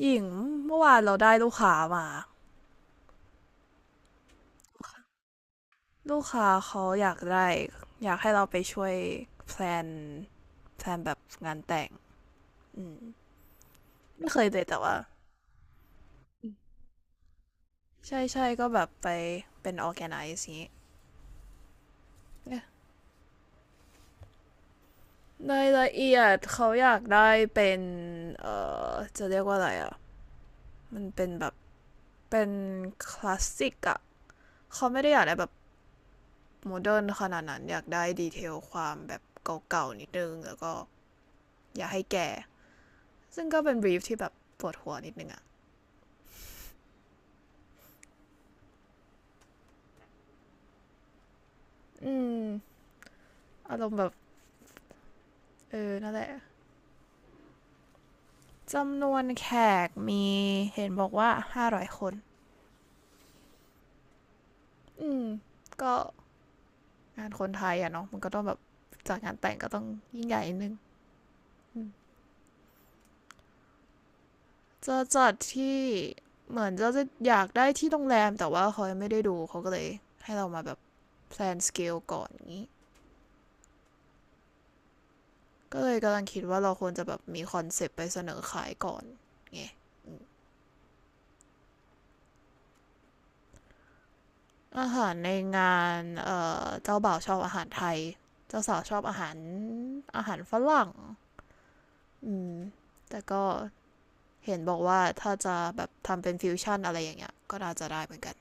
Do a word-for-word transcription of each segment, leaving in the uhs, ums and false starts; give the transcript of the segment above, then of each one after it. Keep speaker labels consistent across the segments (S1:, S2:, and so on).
S1: หญิงเมื่อวานเราได้ลูกค้ามาลูกค้าเขาอยากได้อยากให้เราไปช่วยแพลนแพลนแบบงานแต่งอืมไม่เคยเลยแต่ว่าใช่ใช่ก็แบบไปเป็น ออร์แกไนซ์ อางงี้นี่รายละเอียดเขาอยากได้เป็นเออจะเรียกว่าอะไรอ่ะมันเป็นแบบเป็นคลาสสิกอ่ะเขาไม่ได้อยากได้แบบโมเดิร์นขนาดนั้นอยากได้ดีเทลความแบบเก่าๆนิดนึงแล้วก็อยากให้แก่ ซึ่งก็เป็นบรีฟที่แบบปวดหัวนิดนึงอะ อืมอารมณ์แบบเออนั่นแหละจำนวนแขกมีเห็นบอกว่า ห้าร้อย คน อืม ก็งานคนไทยอะเนาะมันก็ต้องแบบจักงานแต่งก็ต้องยิ่งใหญ่นิดนึงจะจัดที่เหมือนจะจะอยากได้ที่โรงแรมแต่ว่าเขาไม่ได้ดูเขาก็เลยให้เรามาแบบแพลนสเกลก่อนอย่างนี้ก็เลยกำลังคิดว่าเราควรจะแบบมีคอนเซปต์ไปเสนอขายก่อนไง อาหารในงานเอ่อเจ้าบ่าวชอบอาหารไทยเจ้าสาวชอบอาหารอาหารฝรั่งอืมแต่ก็เห็นบอกว่าถ้าจะแบบทำเป็นฟิวชั่นอะไรอย่างเงี้ยก็น่าจะได้เหมือนกัน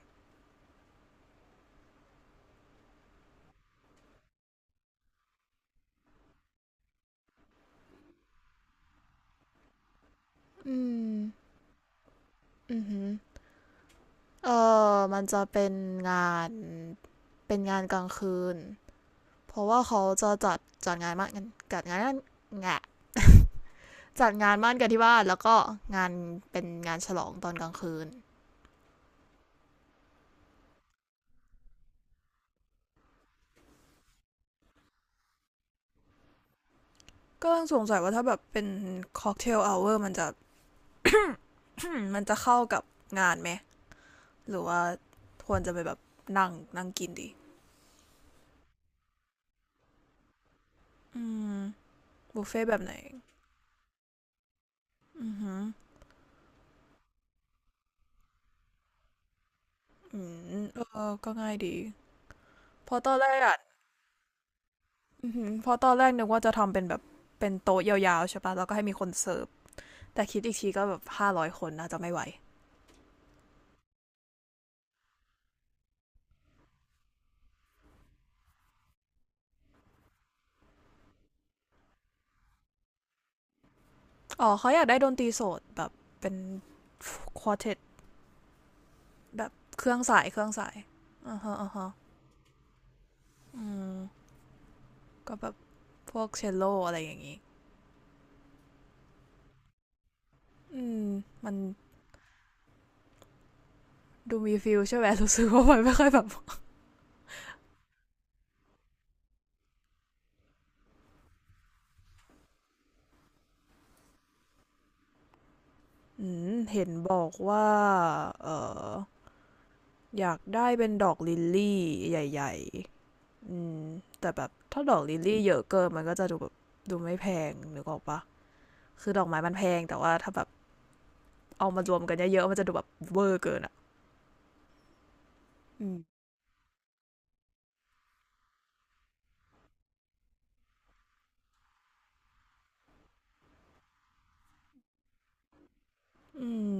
S1: อืมอือหือเออมันจะเป็นงานเป็นงานกลางคืนเพราะว่าเขาจะจัดจัดงานมากงานจัดงานนั่นแงะจัดงานมั่นกันที่บ้านแล้วก็งานเป็นงานฉลองตอนกลางคืนกกำลังสงสัยว่าถ้าแบบเป็นค็อกเทลเอ o เวอร์มันจะ มันจะเข้ากับงานไหมหรือว่าควรจะไปแบบนั่งนั่งกินดีอืมบุฟเฟ่ต์แบบไหนอือหืออืมเออก็ง่ายดีเพอตอนแรกอ่ะอือหือเพอตอนแรกนึกว่าจะทำเป็นแบบเป็นโต๊ะยาวๆใช่ปะแล้วก็ให้มีคนเสิร์ฟแต่คิดอีกทีก็แบบห้าร้อยคนน่าจะไม่ไหวอ๋อเขาอยากได้ดนตรีสดแบบเป็นควอเทตแบบเครื่องสายเครื่องสายอ่าฮะอ่าฮะอืมก็แบบพวกเชลโลอะไรอย่างงี้อืมมัน ดูมีฟิลใช่ไหมรู้สึกว่ามันไม่ค่อยแบบอืมเห็นบอกว่าเอออยากได้เป็นดอกลิลลี่ใหญ่ๆอืมแต่แบบถ้าดอกลิลลี่เยอะเกินมันก็จะดูแบบดูไม่แพงนึกออกปะคือดอกไม้มันแพงแต่ว่าถ้าแบบเอามารวมกันเยอะๆมันจะดูแบบเวอร์เกินอะอืมอืม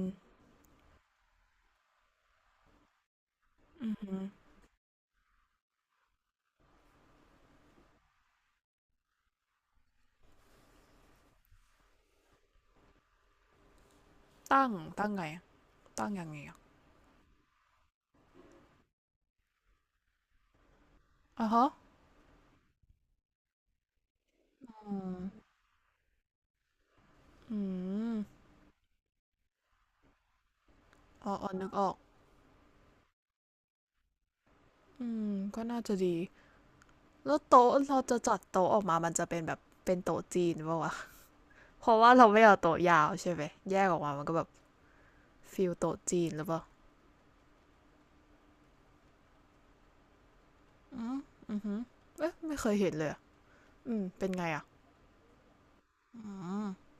S1: อืมตั้งตั้งไงตั้งยังไงอะอ๋อฮะอืมอ๋ออ๋อนึกออกอืมก็น่าจะดีแล้วโต๊ะเราจะจัดโต๊ะออกมามันจะเป็นแบบเป็นโต๊ะจีนปะวะ เพราะว่าเราไม่เอาโต๊ะยาวใช่ไหมแยกออกมามันก็แบบฟิลโต๊ะจีนหรือเปล่าอือฮึเอ๊ะไม่เคยเห็นเลยอืมเป็นไงอ่ะอืม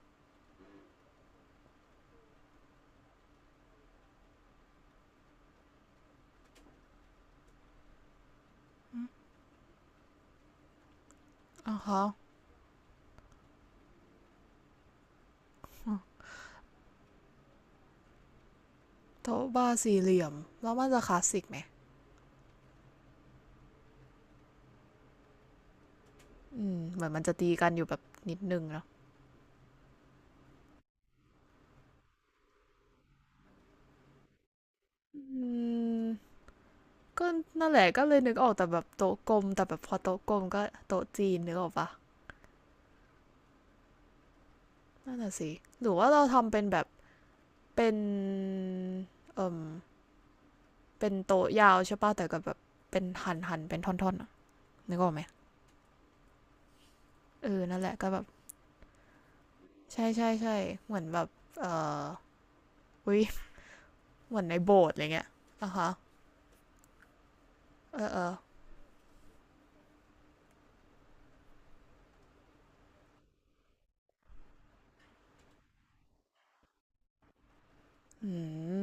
S1: อ่ะฮโต๊ะบาร์สี่เหลี่ยมแล้วมันจะคลาสสิกไหมอืมเหมือนมันจะตีกันอยู่แบบนิดนึงเนาะอืมก็นั่นแหละก็เลยนึกออกแต่แบบโต๊ะกลมแต่แบบพอโต๊ะกลมก็โต๊ะจีนนึกออกปะนั่นน่ะสิหรือว่าเราทำเป็นแบบเป็นเป็นโต๊ะยาวใช่ปะแต่ก็แบบเป็นหันหันเป็นท่อนๆอนึกออกไหมเออนั่นแหละก็แบบ ใช่ใช่ใช่เหมือนแบบเอออุ้ยเหมือนในโบสถ์อะไรเงี้ยอะคะเออเอออืม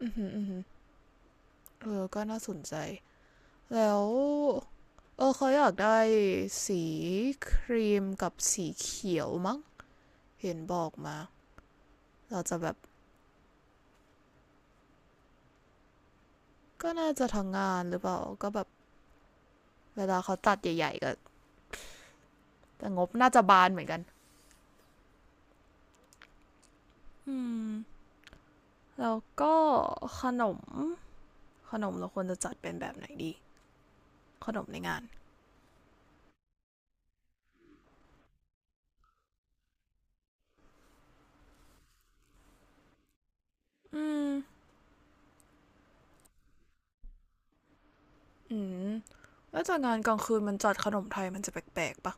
S1: อืมอืมอืเออก็น่าสนใจ แล้ว เออเขาอยากได้สีครีมกับสีเขียวมั้ง เห็นบอกมา เราจะแบบ ก็น่าจะทางงานหรือเปล่าก็แบบเวลาเขาตัดใหญ่ๆก็ แต่งบน่าจะบานเหมือนกันอืมแล้วก็ขนม ขนมเราควรจะจัดเป็นแบบไหนดี ขนมในงาน อืม อืมแล้วจากงานกลางคืนมันจัดขนมไทยมันจะแปลกๆปะ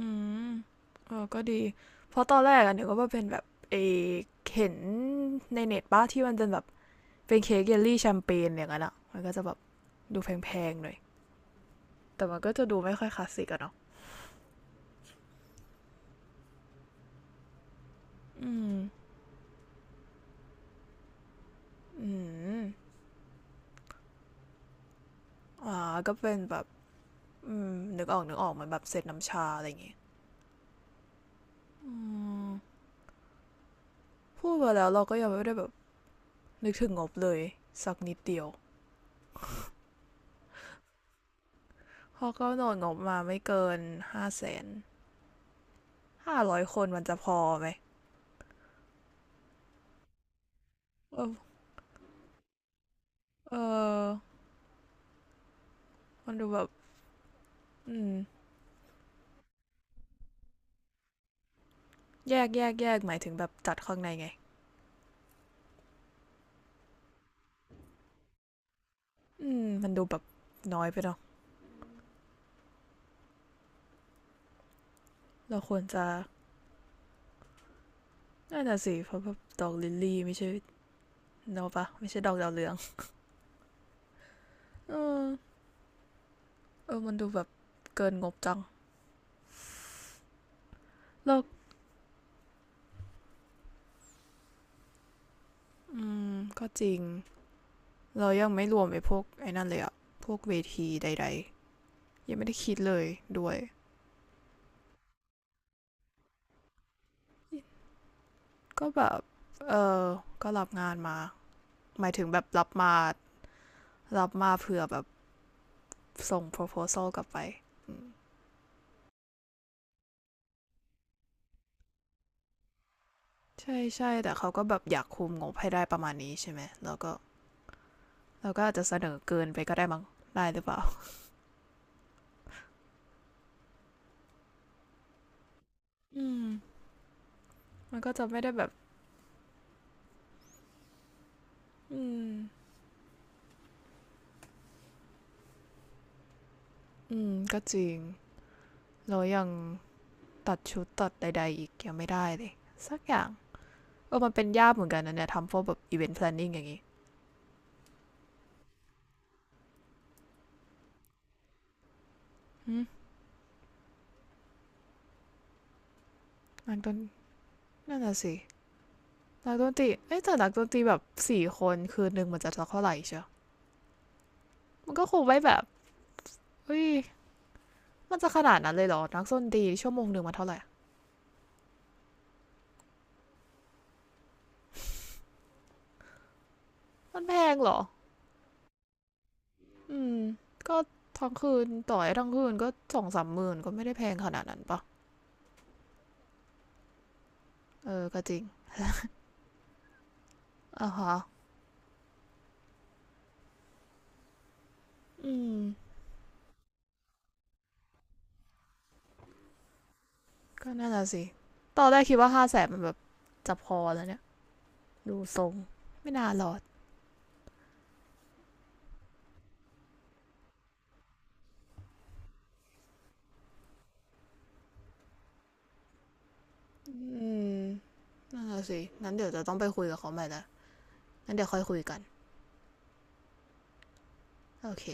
S1: อืมเออก็ดีเพราะตอนแรกอะนึกว่าเป็นแบบเออเห็นในเน็ตป้าที่มันเป็นแบบเป็นเค้กเยลลี่แชมเปญอย่างนั้นอะมันก็จะแบบดูแพงๆหน่อยแต่มันก็จะดูไม่ค่อยคลาสสิกอะเนาะอืมอืมอ่าก็เป็นแบบอืมนึกออกนึกออกเหมือนแบบเซตน้ำชาอะไรอย่างงี้อืมพูดไปแล้วเราก็ยังไม่ได้แบบนึกถึงงบเลยสักนิดเดียว เขาะก็โดนงบมาไม่เกินห้าแสนห้าร้อยคนมันจะพอไหมเออเออมันดูแบบอืมแยกแยกแยกหมายถึงแบบจัดข้างในไงอืมมันดูแบบน้อยไปเนาะเราควรจะน่าจะสิเพราะแบบดอกลิลลี่ไม่ใช่เนาะปะไม่ใช่ดอกดาวเรืองเออเออมันดูแบบเกินงบจังแล้วอืมก็จริงเรายังไม่รวมไอ้พวกไอ้นั่นเลยอะพวกเวทีใดๆยังไม่ได้คิดเลยด้วย ก็แบบ เออ ก็รับงานมา หมายถึงแบบรับมารับมาเผื่อแบบส่ง โพรโพซัล กลับไป ใช่ใช่แต่เขาก็แบบอยากคุมงบให้ได้ประมาณนี้ใช่ไหมแล้วก็แล้วก็อาจจะเสนอเกินไปก็ได้มั้งได้หรือเปล่าอืมมันก็จะไม่ได้แบบ อืม อืม ก็จริง เรายังตัดชุดตัดใดๆอีกยังไม่ได้เลยสักอย่างเออมันเป็นยากเหมือนกันนะเนี่ยทำพวกแบบ อีเวนต์ แพลนนิ่ง อย่างงี้อืมมันต้นนั่นน่ะสิ นักดนตรีเอ้ยแต่นักดนตรีแบบสี่คนคืนหนึ่งมันจะเท่าไหร่เชียวมันก็คงไว้แบบเฮ้ยมันจะขนาดนั้นเลยเหรอ นักดนตรีชั่วโมงหนึ่งมันเท่าไหร่ มันแพงเหรอ อืมก็ทั้งคืนต่อยทั้งคืนก็สองสามหมื่นก็ไม่ได้แพงขนาดนั้นปะ เออ ก็จริงอ่ะฮะอืม ก็น่าจะสิตอนแรกคิดว่าห้าแสนมันแบบจะพอแล้วเนี่ย ดูทรง ไม่น่ารอดอืมน่าจะสิงั้นเดี๋ยวจะต้องไปคุยกับเขาใหม่ละงั้นเดี๋ยวค่อยคุยกันโอเค